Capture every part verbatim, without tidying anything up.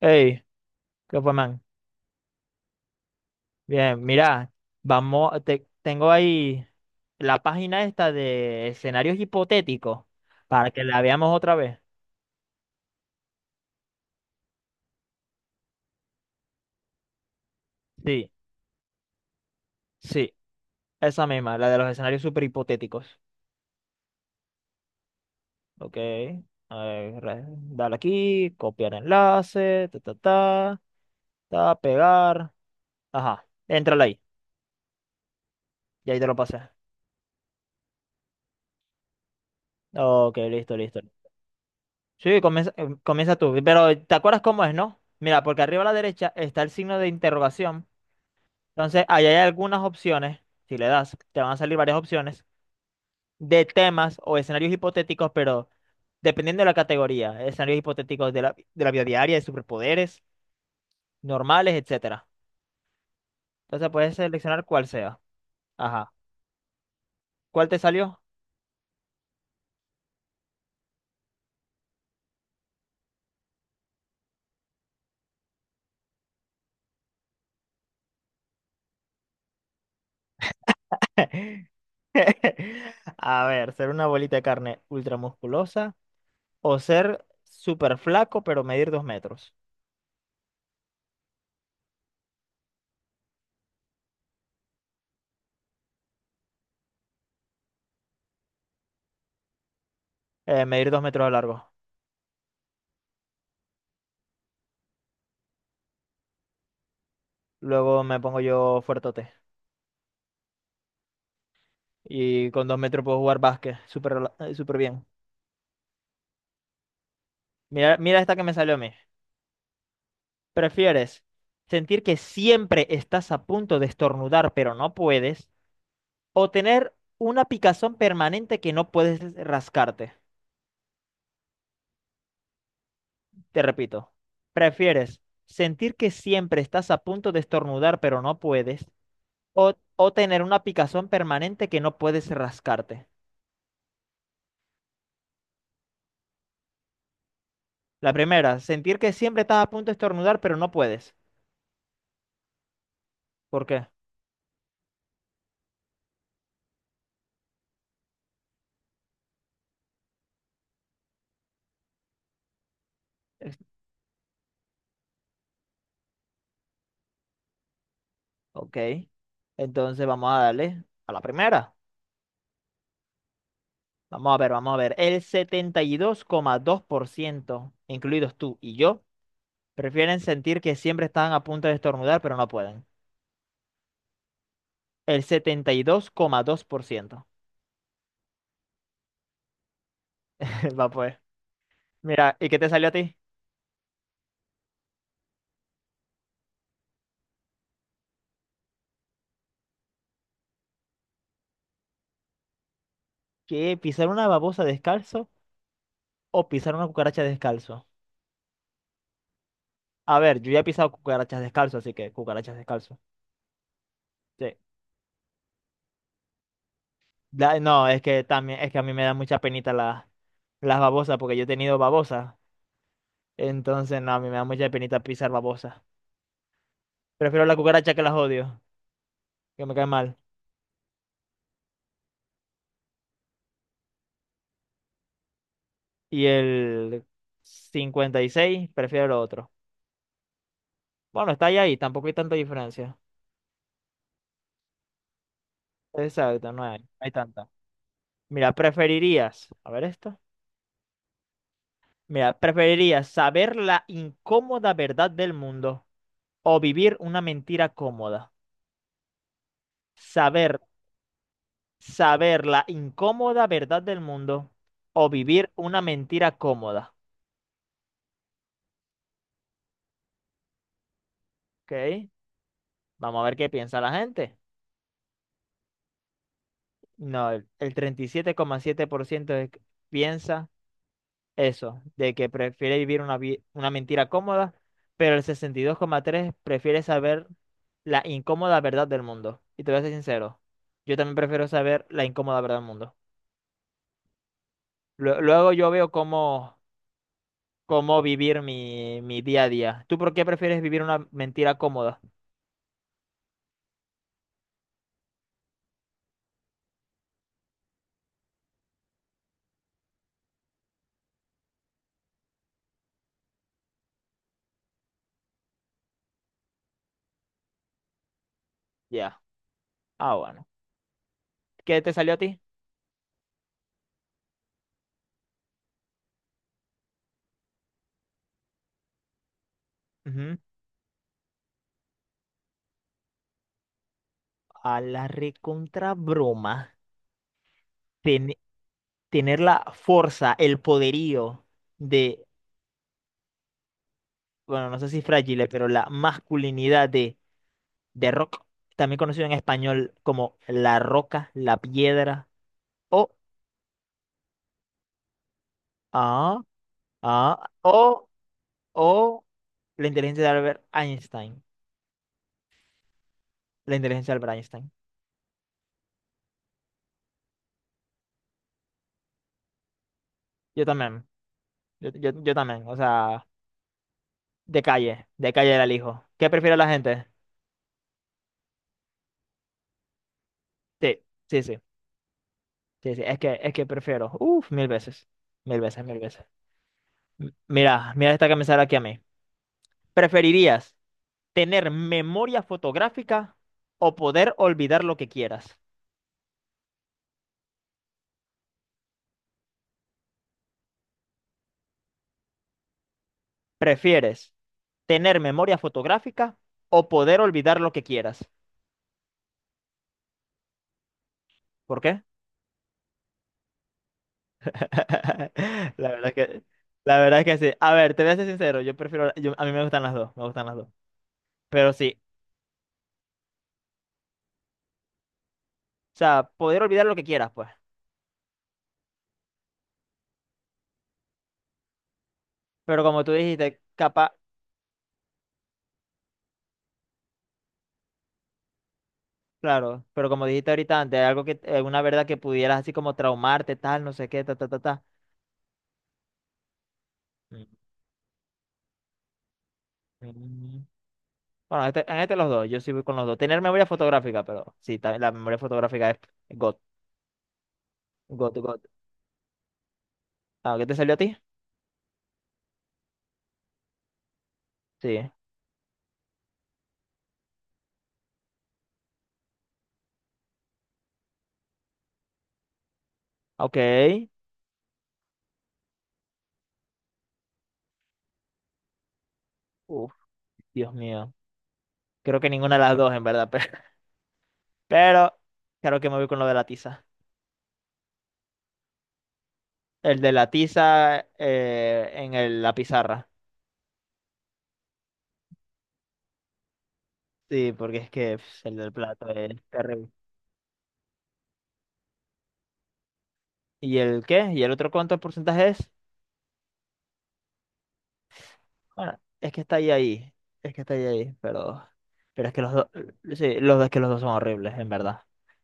Hey, ¿qué fue, man? Bien, mira, vamos, te- tengo ahí la página esta de escenarios hipotéticos para que la veamos otra vez. Sí, sí, esa misma, la de los escenarios super hipotéticos. Ok, a ver, re- dale aquí, copiar enlace, ta, ta, ta, ta, pegar. Ajá, entrale ahí, y ahí te lo pasé. Ok, listo, listo. Sí, comienza, eh, comienza tú, pero ¿te acuerdas cómo es, no? Mira, porque arriba a la derecha está el signo de interrogación. Entonces, ahí hay algunas opciones, si le das, te van a salir varias opciones de temas o escenarios hipotéticos, pero dependiendo de la categoría, escenarios hipotéticos de la, de la vida diaria, de superpoderes, normales, etcétera. Entonces, puedes seleccionar cuál sea. Ajá. ¿Cuál te salió? A ver, ser una bolita de carne ultramusculosa o ser súper flaco, pero medir dos metros. Eh, medir dos metros de largo. Luego me pongo yo fuertote. Y con dos metros puedo jugar básquet súper, eh, súper bien. Mira, mira esta que me salió a mí. ¿Prefieres sentir que siempre estás a punto de estornudar pero no puedes? ¿O tener una picazón permanente que no puedes rascarte? Te repito, ¿prefieres sentir que siempre estás a punto de estornudar pero no puedes? ¿O, o tener una picazón permanente que no puedes rascarte? La primera, sentir que siempre estás a punto de estornudar pero no puedes. ¿Por qué? Es- Ok, entonces vamos a darle a la primera. Vamos a ver, vamos a ver. El setenta y dos coma dos por ciento, incluidos tú y yo, prefieren sentir que siempre están a punto de estornudar, pero no pueden. El setenta y dos coma dos por ciento. Va pues. Mira, ¿y qué te salió a ti? ¿Qué? ¿Pisar una babosa descalzo o pisar una cucaracha descalzo? A ver, yo ya he pisado cucarachas descalzo, así que cucarachas descalzo. Sí. La- no, es que también, es que a mí me da mucha penita la- las babosas, porque yo he tenido babosas. Entonces, no, a mí me da mucha penita pisar babosas. Prefiero la cucaracha que las odio, que me cae mal. Y el cincuenta y seis, prefiero lo otro. Bueno, está ahí, ahí, tampoco hay tanta diferencia. Exacto, no hay, no hay tanta. Mira, preferirías, a ver esto. Mira, preferirías saber la incómoda verdad del mundo o vivir una mentira cómoda. Saber, saber la incómoda verdad del mundo o vivir una mentira cómoda. ¿Ok? Vamos a ver qué piensa la gente. No, el, el treinta y siete coma siete por ciento es- piensa eso, de que prefiere vivir una, vi- una mentira cómoda, pero el sesenta y dos coma tres por ciento prefiere saber la incómoda verdad del mundo. Y te voy a ser sincero, yo también prefiero saber la incómoda verdad del mundo. Lue- Luego yo veo cómo, cómo vivir mi, mi día a día. ¿Tú por qué prefieres vivir una mentira cómoda? Ya. Ah, bueno. ¿Qué te salió a ti? Ujú. A la recontra broma. Tener la fuerza, el poderío de, bueno, no sé si frágil, pero la masculinidad de, de Rock, también conocido en español como la roca, la piedra, o, ah, ah, o, o la inteligencia de Albert Einstein, la inteligencia de Albert Einstein. Yo también, yo, yo, yo también, o sea, de calle, de calle era el hijo. ¿Qué prefiere la gente? Sí, sí, sí, sí, sí, es que, es que prefiero, uff, mil veces, mil veces, mil veces. M- Mira, mira esta que me sale aquí a mí. ¿Preferirías tener memoria fotográfica o poder olvidar lo que quieras? ¿Prefieres tener memoria fotográfica o poder olvidar lo que quieras? ¿Por qué? La verdad es que, la verdad es que sí. A ver, te voy a ser sincero, yo prefiero, yo- a mí me gustan las dos, me gustan las dos. Pero sí, o sea, poder olvidar lo que quieras, pues. Pero como tú dijiste, capaz, claro, pero como dijiste ahorita antes, algo que, eh, una verdad que pudieras así como traumarte, tal, no sé qué, ta, ta, ta, ta. Mm. Bueno, en este, en este los dos, yo sí voy con los dos. Tener memoria fotográfica, pero sí, también la memoria fotográfica es God, God, God. Ah, ¿qué te salió a ti? Sí. Ok. Uf, Dios mío. Creo que ninguna de las dos, en verdad, pero, pero creo que me voy con lo de la tiza. El de la tiza eh, en el- la pizarra. Sí, porque es que pf, el del plato es terrible. ¿Y el qué? ¿Y el otro cuánto porcentaje es? Bueno, es que está ahí ahí. Es que está ahí ahí, pero. Pero es que los dos. Sí, los dos es que los dos son horribles, en verdad.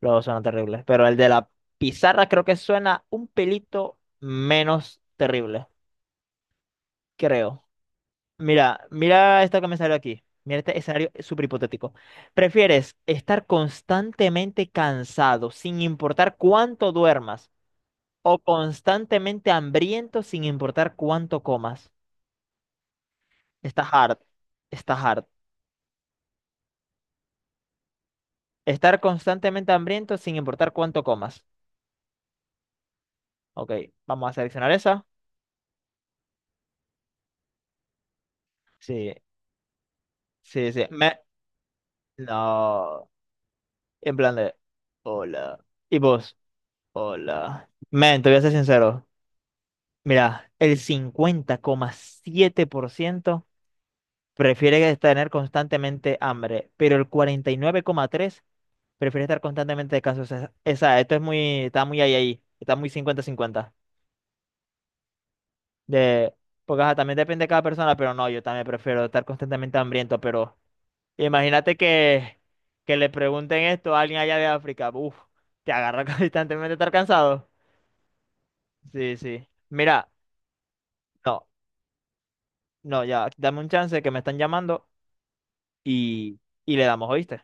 Los dos son terribles. Pero el de la pizarra creo que suena un pelito menos terrible. Creo. Mira, mira esto que me salió aquí. Mira este escenario súper hipotético. ¿Prefieres estar constantemente cansado sin importar cuánto duermas o constantemente hambriento sin importar cuánto comas? Está hard. Está hard. Estar constantemente hambriento sin importar cuánto comas. Ok, vamos a seleccionar esa. Sí, sí, sí. Me... No. En plan de. Hola. ¿Y vos? Hola. Men, te voy a ser sincero. Mira, el cincuenta coma siete por ciento prefiere tener constantemente hambre, pero el cuarenta y nueve coma tres por ciento prefiere estar constantemente descanso. O sea, esa, esto es muy. Está muy ahí, ahí. Está muy cincuenta cincuenta. De, porque ajá, también depende de cada persona, pero no, yo también prefiero estar constantemente hambriento, pero imagínate que, que, le pregunten esto a alguien allá de África, uff, te agarra constantemente estar cansado. Sí, sí. Mira, no, no, ya, dame un chance que me están llamando y, y le damos, ¿oíste?